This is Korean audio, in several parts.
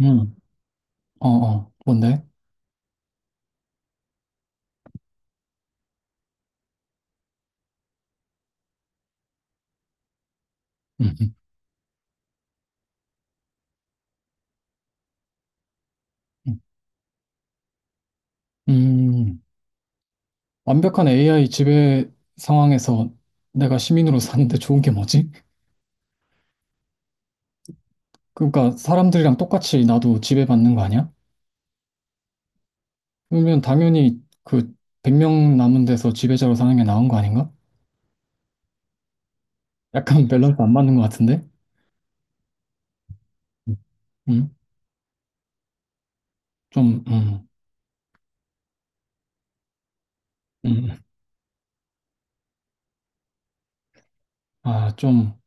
음, 어, 어, 뭔데? 음, 음, 음. 음, 완벽한 AI 지배 상황에서 내가 시민으로 사는데 좋은 게 뭐지? 그러니까 사람들이랑 똑같이 나도 지배받는 거 아니야? 그러면 당연히 그 100명 남은 데서 지배자로 사는 게 나은 거 아닌가? 약간 밸런스 안 맞는 것 같은데? 음, 좀, 음, 음, 아, 좀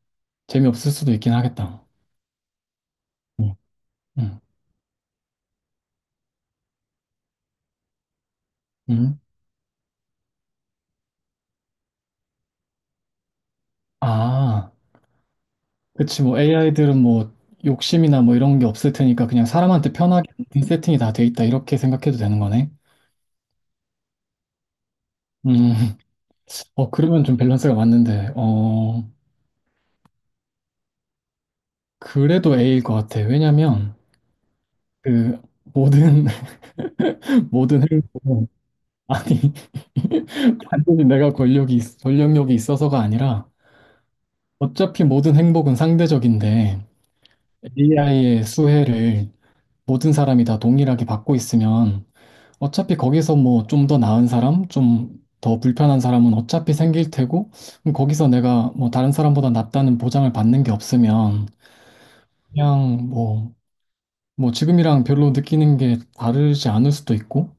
재미없을 수도 있긴 하겠다. 음, 음, 음. 아. 그치, 뭐 AI들은 뭐 욕심이나 뭐 이런 게 없을 테니까 그냥 사람한테 편하게 세팅이 다 돼 있다 이렇게 생각해도 되는 거네. 음, 그러면 좀 밸런스가 맞는데, 어, 그래도 A일 것 같아. 왜냐면 그 모든, 모든 행복은 아니, 단순히 내가 권력이, 권력력이 있어서가 아니라 어차피 모든 행복은 상대적인데 AI의 수혜를 모든 사람이 다 동일하게 받고 있으면 어차피 거기서 뭐 좀 더 나은 사람, 좀 더 불편한 사람은 어차피 생길 테고, 그럼 거기서 내가 뭐 다른 사람보다 낫다는 보장을 받는 게 없으면, 그냥 뭐 지금이랑 별로 느끼는 게 다르지 않을 수도 있고,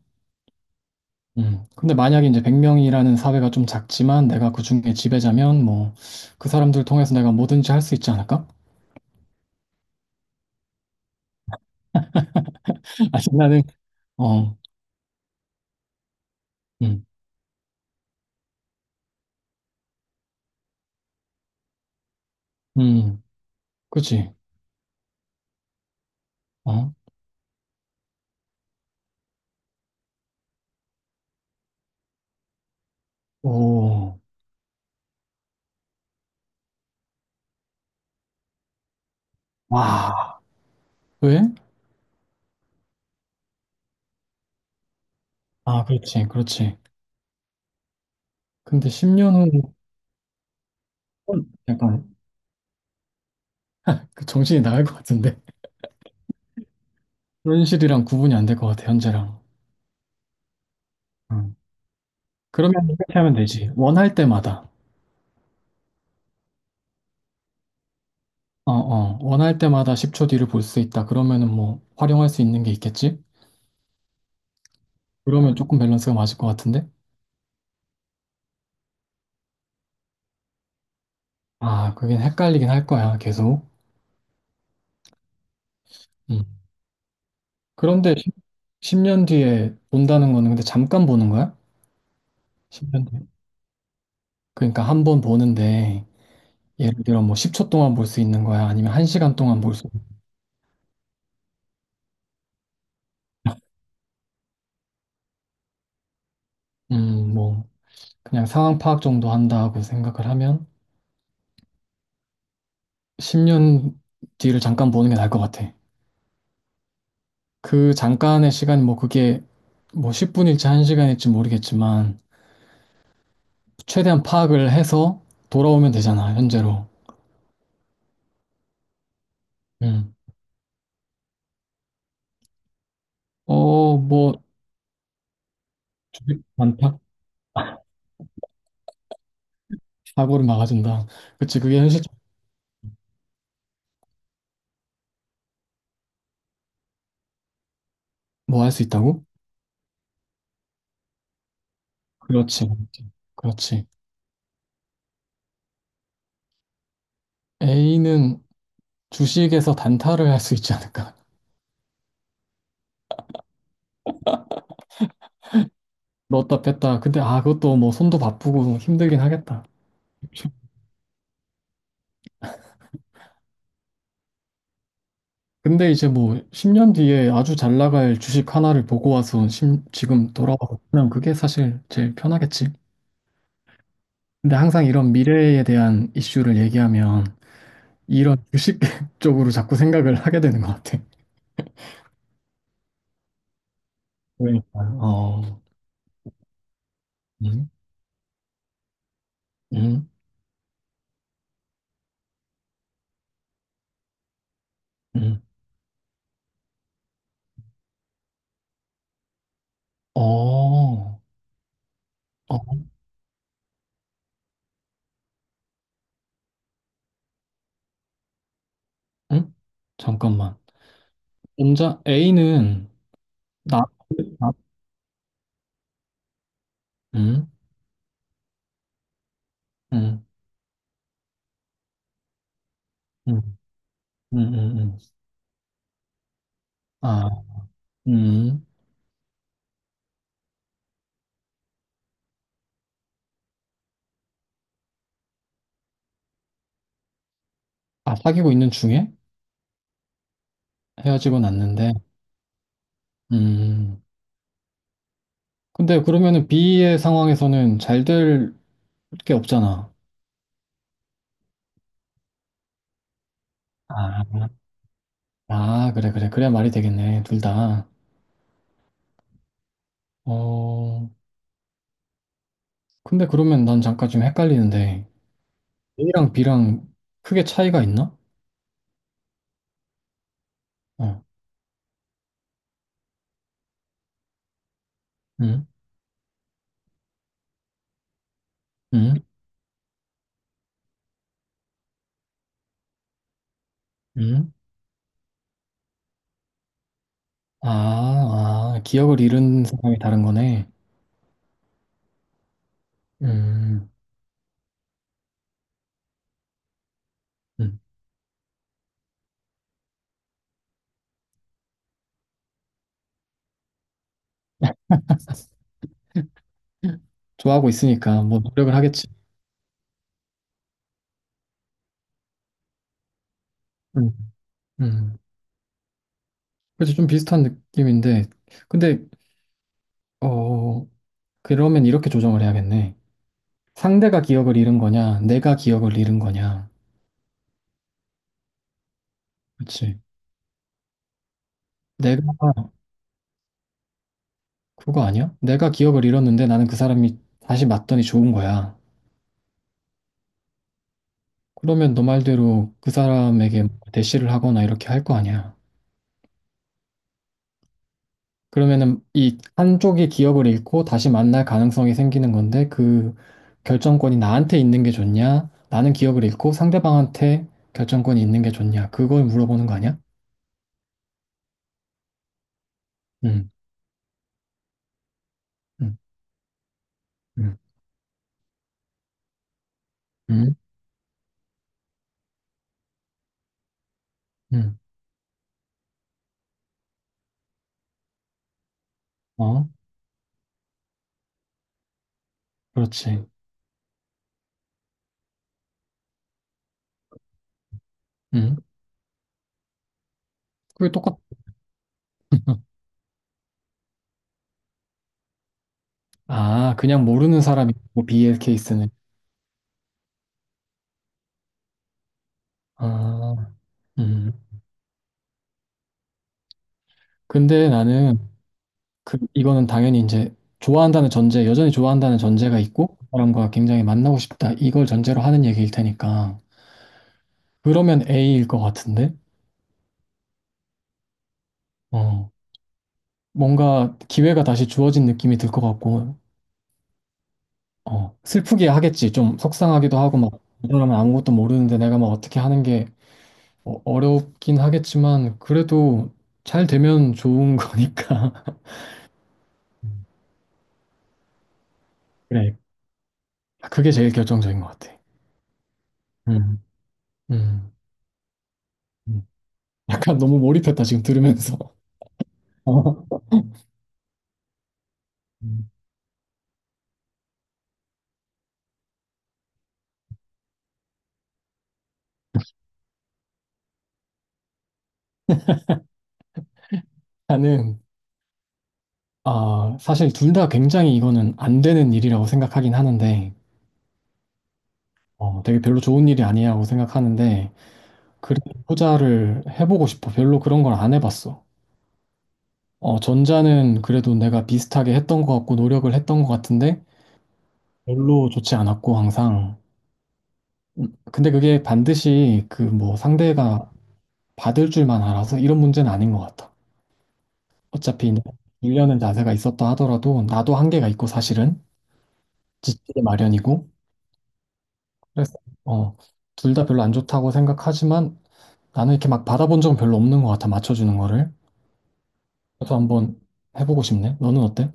근데 만약에 이제 100명이라는 사회가 좀 작지만 내가 그 중에 지배자면 뭐, 그 사람들 통해서 내가 뭐든지 할 수 있지 않을까? 아니, 나는, 어, 음, 음, 그치, 어, 오, 와, 왜? 아, 그렇지, 그렇지. 근데 10년 후. 약간 그 정신이 나갈 것 같은데. 현실이랑 구분이 안 될 것 같아, 현재랑. 음. 그러면 이렇게 하면 되지, 원할 때마다. 어어, 원할 때마다 10초 뒤를 볼 수 있다 그러면은 뭐 활용할 수 있는 게 있겠지. 그러면 조금 밸런스가 맞을 것 같은데. 아, 그게 헷갈리긴 할 거야, 계속. 음. 그런데 10 년 뒤에 본다는 거는 근데 잠깐 보는 거야? 10년 뒤에 그러니까 한 번 보는데, 예를 들어 뭐 10초 동안 볼 수 있는 거야 아니면 1시간 동안. 볼수음뭐 그냥 상황 파악 정도 한다고 생각을 하면 10년 뒤를 잠깐 보는 게 나을 것 같아. 그 잠깐의 시간이 뭐 그게 뭐 10분일지 1시간일지 모르겠지만, 최대한 파악을 해서 돌아오면 되잖아, 현재로. 음. 어, 뭐 주식 반타 사고를 막아준다. 그치, 그게 현실. 뭐 할 수 있다고? 그렇지, 그렇지. 그렇지. A는 주식에서 단타를 할 수 있지 않을까? 넣었다 뺐다. 근데 아, 그것도 뭐 손도 바쁘고 힘들긴 하겠다. 근데 이제 뭐 10년 뒤에 아주 잘 나갈 주식 하나를 보고 와서 지금 돌아와서 그냥 그게 사실 제일 편하겠지. 근데 항상 이런 미래에 대한 이슈를 얘기하면 이런 주식 쪽으로 자꾸 생각을 하게 되는 것 같아. 그러니까. 어, 음, 음, 음. 어, 어, 응? 잠깐만. 혼자 A는. 나, 나, 음, 음, 음, 음, 음, 음. 아, 음. 아, 사귀고 있는 중에 헤어지고 났는데. 음. 근데 그러면은 B의 상황에서는 잘 될 게 없잖아. 아, 아, 그래, 그래. 그래야 말이 되겠네, 둘 다. 어, 근데 그러면 난 잠깐 좀 헷갈리는데, A랑 B랑 크게 차이가 있나? 어, 응, 응, 응. 아, 아, 기억을 잃은 사람이 다른 거네. 음, 음. 좋아하고 있으니까 뭐 노력을 하겠지. 음, 음. 그래서 좀 비슷한 느낌인데, 근데, 어, 그러면 이렇게 조정을 해야겠네. 상대가 기억을 잃은 거냐, 내가 기억을 잃은 거냐. 그치. 내가, 그거 아니야? 내가 기억을 잃었는데 나는 그 사람이 다시 맞더니 좋은 거야. 그러면 너 말대로 그 사람에게 대시를 하거나 이렇게 할 거 아니야. 그러면은 이 한쪽이 기억을 잃고 다시 만날 가능성이 생기는 건데, 그 결정권이 나한테 있는 게 좋냐? 나는 기억을 잃고 상대방한테 결정권이 있는 게 좋냐? 그걸 물어보는 거 아니야? 응, 응, 응, 응, 응. 어, 그렇지. 응. 그게 똑같. 아, 그냥 모르는 사람이 고 BL 케이스는. 아, 음. 근데 나는 그 이거는 당연히 이제 좋아한다는 전제, 여전히 좋아한다는 전제가 있고 그 사람과 굉장히 만나고 싶다. 이걸 전제로 하는 얘기일 테니까. 그러면 A일 것 같은데. 어. 뭔가 기회가 다시 주어진 느낌이 들 것 같고. 어. 슬프게 하겠지. 좀 속상하기도 하고 막 이 사람은 아무것도 모르는데 내가 막 어떻게 하는 게 어렵긴 하겠지만 그래도 잘 되면 좋은 거니까. 그래, 그게 제일 결정적인 것 같아. 음, 음. 음, 약간 너무 몰입했다, 지금 들으면서. 어, 음, 나는, 아, 사실 둘 다 굉장히 이거는 안 되는 일이라고 생각하긴 하는데, 되게 별로 좋은 일이 아니라고 생각하는데, 그래도 후자를 해보고 싶어. 별로 그런 걸 안 해봤어. 전자는 그래도 내가 비슷하게 했던 것 같고, 노력을 했던 것 같은데, 별로 좋지 않았고, 항상. 근데 그게 반드시 그 뭐 상대가 받을 줄만 알아서 이런 문제는 아닌 것 같아. 어차피 1년은 자세가 있었다 하더라도 나도 한계가 있고 사실은 지치기 마련이고 그래서 어, 둘 다 별로 안 좋다고 생각하지만 나는 이렇게 막 받아본 적은 별로 없는 것 같아 맞춰주는 거를 그래서 한번 해보고 싶네. 너는 어때?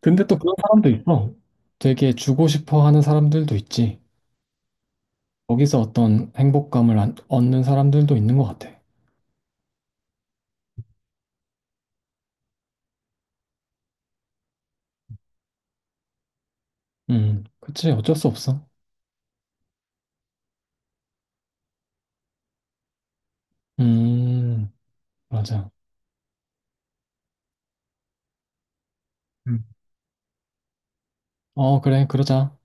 근데 또 그런 사람도 있어, 되게 주고 싶어 하는 사람들도 있지. 거기서 어떤 행복감을 얻는 사람들도 있는 것 같아. 음. 그치. 어쩔 수 없어. 음. 맞아. 음. 어, 그래, 그러자.